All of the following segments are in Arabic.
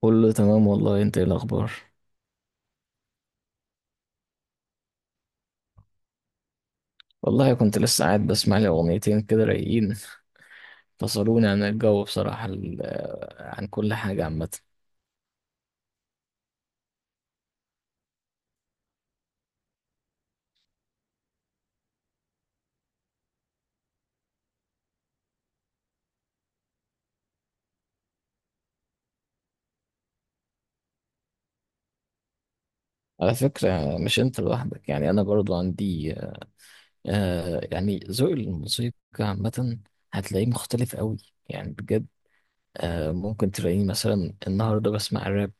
كله تمام والله، انت ايه الاخبار؟ والله كنت لسه قاعد بسمع لي اغنيتين كده رايقين، فصلوني عن الجو بصراحة. عن كل حاجة عامة. على فكرة مش انت لوحدك، يعني انا برضو عندي يعني ذوق الموسيقى عامة هتلاقيه مختلف قوي، يعني بجد. ممكن تلاقيني مثلا النهاردة بسمع راب،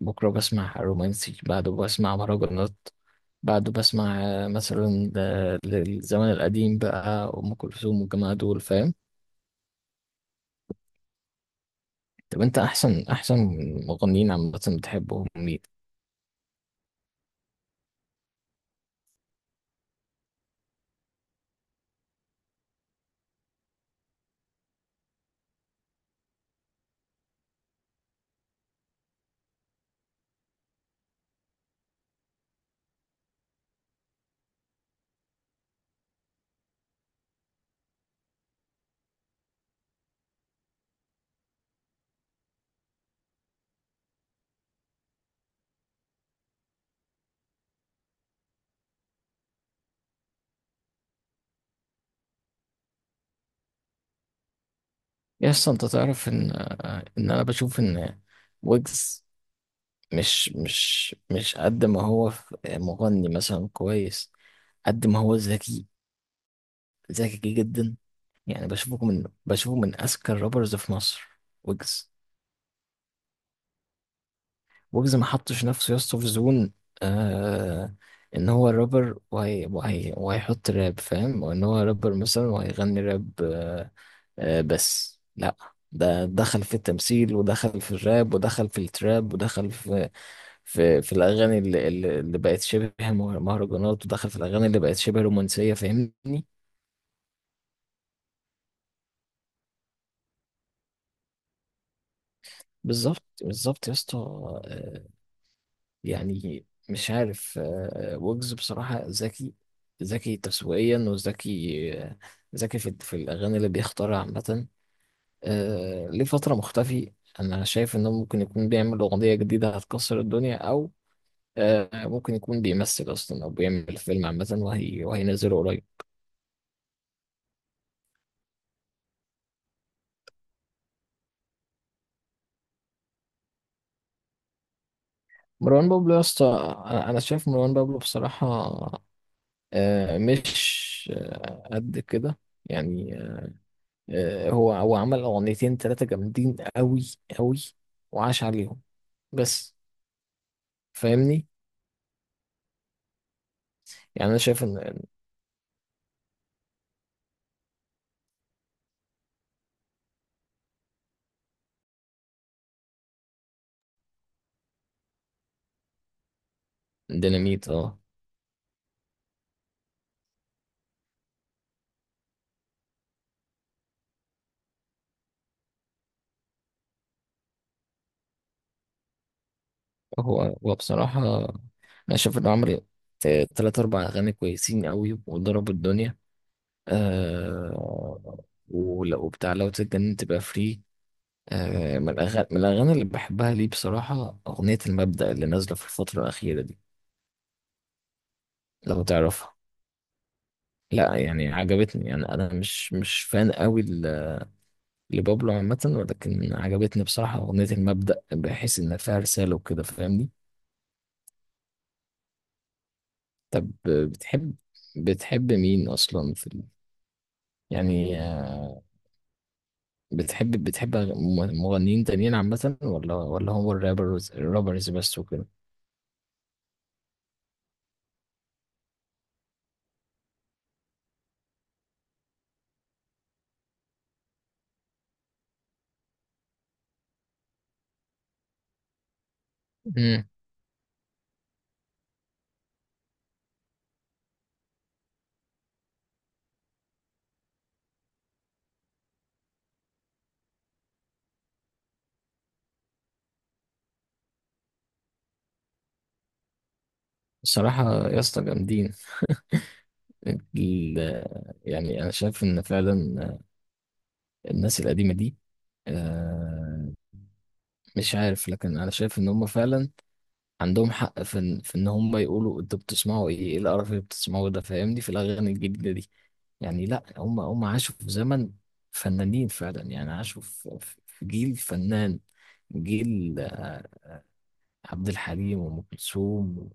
بكرة بسمع رومانسي، بعده بسمع مهرجانات، بعده بسمع مثلا، للزمن القديم بقى أم كلثوم والجماعة دول، فاهم؟ طب انت احسن مغنيين عامة بتحبهم مين؟ يا اسطى انت تعرف ان، ان انا بشوف ان ويجز مش قد ما هو مغني مثلا كويس، قد ما هو ذكي. ذكي جدا، يعني بشوفه من اذكى الرابرز في مصر. ويجز، ويجز ما حطش نفسه يا اسطى في زون، آه ان هو رابر وهي وهيحط راب، فاهم؟ وان هو رابر مثلا وهيغني راب، بس لا. ده دخل في التمثيل، ودخل في الراب، ودخل في التراب، ودخل في الاغاني اللي بقت شبه مهرجانات، ودخل في الاغاني اللي بقت شبه رومانسيه، فاهمني؟ بالظبط، بالظبط يا اسطى. يعني مش عارف، ويجز بصراحه ذكي. ذكي تسويقيا، وذكي، ذكي في الاغاني اللي بيختارها عامه. ليه فتره مختفي، انا شايف انه ممكن يكون بيعمل اغنيه جديده هتكسر الدنيا، او ممكن يكون بيمثل اصلا، او بيعمل فيلم عامه وهينزله قريب. مروان بابلو يا اسطى، أنا شايف مروان بابلو بصراحه، مش، قد كده يعني. هو عمل اغنيتين ثلاثه جامدين قوي، قوي، وعاش عليهم بس، فاهمني؟ يعني انا شايف ان ديناميت، اه. هو بصراحه انا شايف انه عمل ثلاثة اربع اغاني كويسين قوي وضربوا الدنيا، آه ولو بتاع لو تتجنن تبقى فري. من الأغاني، من الأغاني اللي بحبها ليه بصراحة، أغنية المبدأ اللي نازلة في الفترة الأخيرة دي، لو تعرفها. لا يعني عجبتني، يعني أنا مش فان قوي لبابلو عامة، ولكن عجبتني بصراحة أغنية المبدأ، بحيث إن فيها رسالة وكده، فاهمني؟ طب بتحب، بتحب مين أصلا في يعني بتحب مغنيين تانيين عامة، ولا هو الرابرز، الرابرز بس وكده؟ امم، الصراحة يا اسطى جامدين ال- يعني أنا شايف إن فعلا الناس القديمة دي، آه، مش عارف، لكن أنا شايف إن هم فعلا عندهم حق في إن هم يقولوا: أنتوا بتسمعوا إيه؟ إيه القرف اللي بتسمعوه ده؟ فاهمني، في الأغاني الجديدة دي. يعني لأ، هم عاشوا في زمن فنانين فعلا، يعني عاشوا في جيل فنان، جيل عبد الحليم وأم كلثوم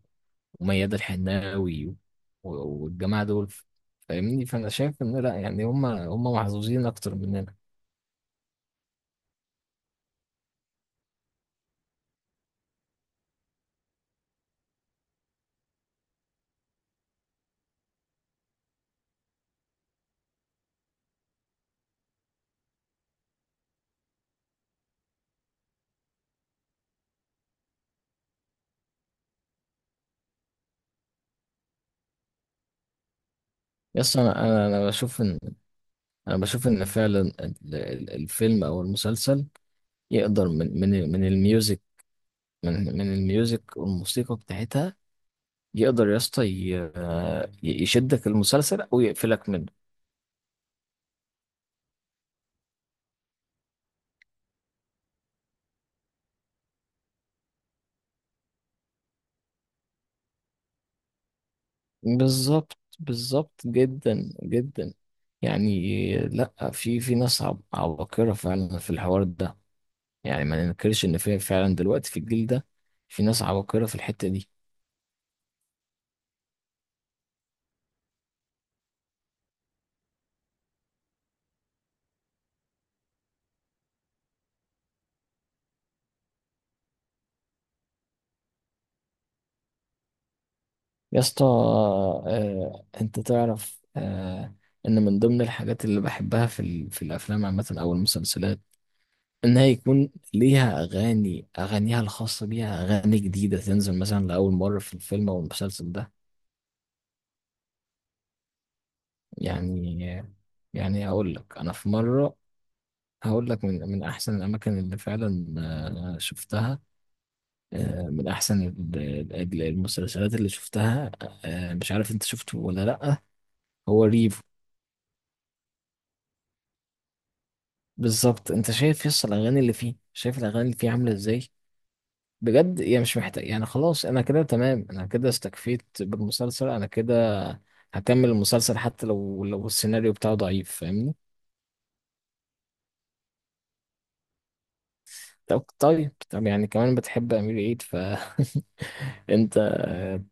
وميادة الحناوي والجماعة دول، فاهمني؟ فأنا شايف إن لأ، يعني هم محظوظين أكتر مننا. يس، أنا بشوف إن، أنا بشوف إن فعلا الفيلم أو المسلسل يقدر من الميوزك، من الميوزك والموسيقى بتاعتها، يقدر يا اسطى يشدك المسلسل أو يقفلك منه. بالظبط، بالظبط جدا جدا. يعني لأ، في في ناس عباقرة فعلا في الحوار ده، يعني ما ننكرش ان في فعلا دلوقتي في الجيل ده في ناس عباقرة في الحتة دي. يا اسطى، انت تعرف، ان من ضمن الحاجات اللي بحبها في في الافلام عامة او المسلسلات انها يكون ليها اغاني، اغانيها الخاصة بيها، اغاني جديدة تنزل مثلا لاول مرة في الفيلم او المسلسل ده. يعني يعني هقول لك، انا في مرة هقول لك، من احسن الاماكن اللي فعلا شفتها، من احسن المسلسلات اللي شفتها، مش عارف انت شفته ولا لا، هو ريفو. بالظبط، انت شايف، يس، الاغاني اللي فيه، شايف الاغاني اللي فيه عامله ازاي؟ بجد، يعني مش محتاج، يعني خلاص، انا كده تمام، انا كده استكفيت بالمسلسل، انا كده هكمل المسلسل حتى لو، لو السيناريو بتاعه ضعيف، فاهمني؟ طب يعني كمان بتحب امير عيد، ف انت،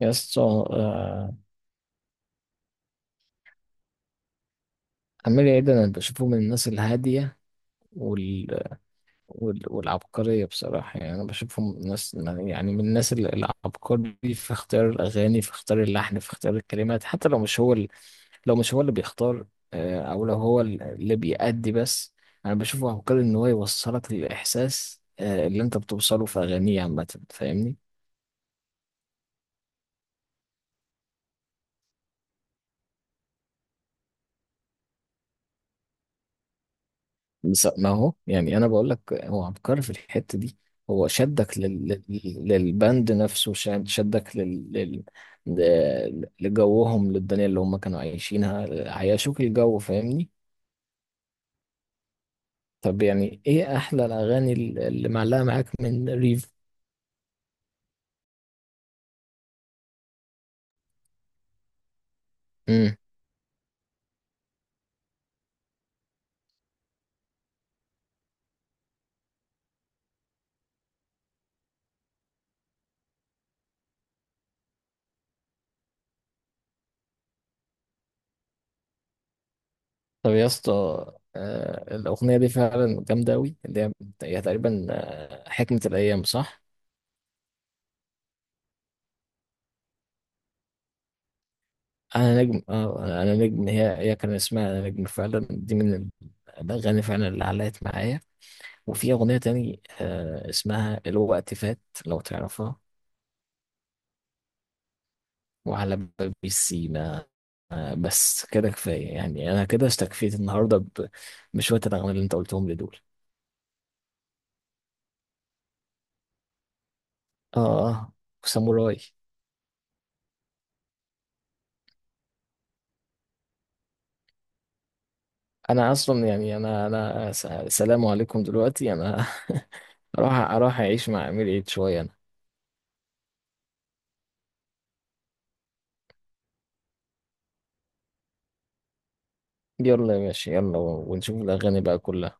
يا اسطى، آه، امير عيد انا بشوفه من الناس الهاديه والعبقرية بصراحة، يعني أنا بشوفهم ناس، يعني من الناس العبقري في اختيار الأغاني، في اختيار اللحن، في اختيار الكلمات، حتى لو مش هو لو مش هو اللي بيختار، أو لو هو اللي بيأدي بس. أنا بشوفه عبقري إن هو يوصلك للإحساس اللي أنت بتوصله في أغانيه عامة، فاهمني؟ بس ما هو يعني انا بقول لك هو عبقري في الحته دي، هو شدك للبند نفسه، شدك لجوهم، للدنيا اللي هم كانوا عايشينها، عيشوك الجو، فاهمني؟ طب يعني ايه احلى الاغاني اللي معلقه معاك من ريف؟ امم، طب يا اسطى، الاغنيه دي فعلا جامده قوي، اللي هي، هي تقريبا، حكمه الايام، صح؟ انا نجم، اه، انا نجم، هي كان اسمها انا نجم فعلا، دي من الاغاني فعلا اللي علقت معايا. وفي اغنيه تاني اسمها الوقت فات، لو تعرفها، وعلى باب السيما. بس كده كفايه، يعني انا كده استكفيت النهارده بشويه الاغاني اللي انت قلتهم لي دول. اه اه، وساموراي. انا اصلا يعني، انا سلام عليكم دلوقتي، انا اروح اعيش مع امير عيد شويه انا. يلا يا باشا، يلا، ونشوف الاغاني بقى كلها.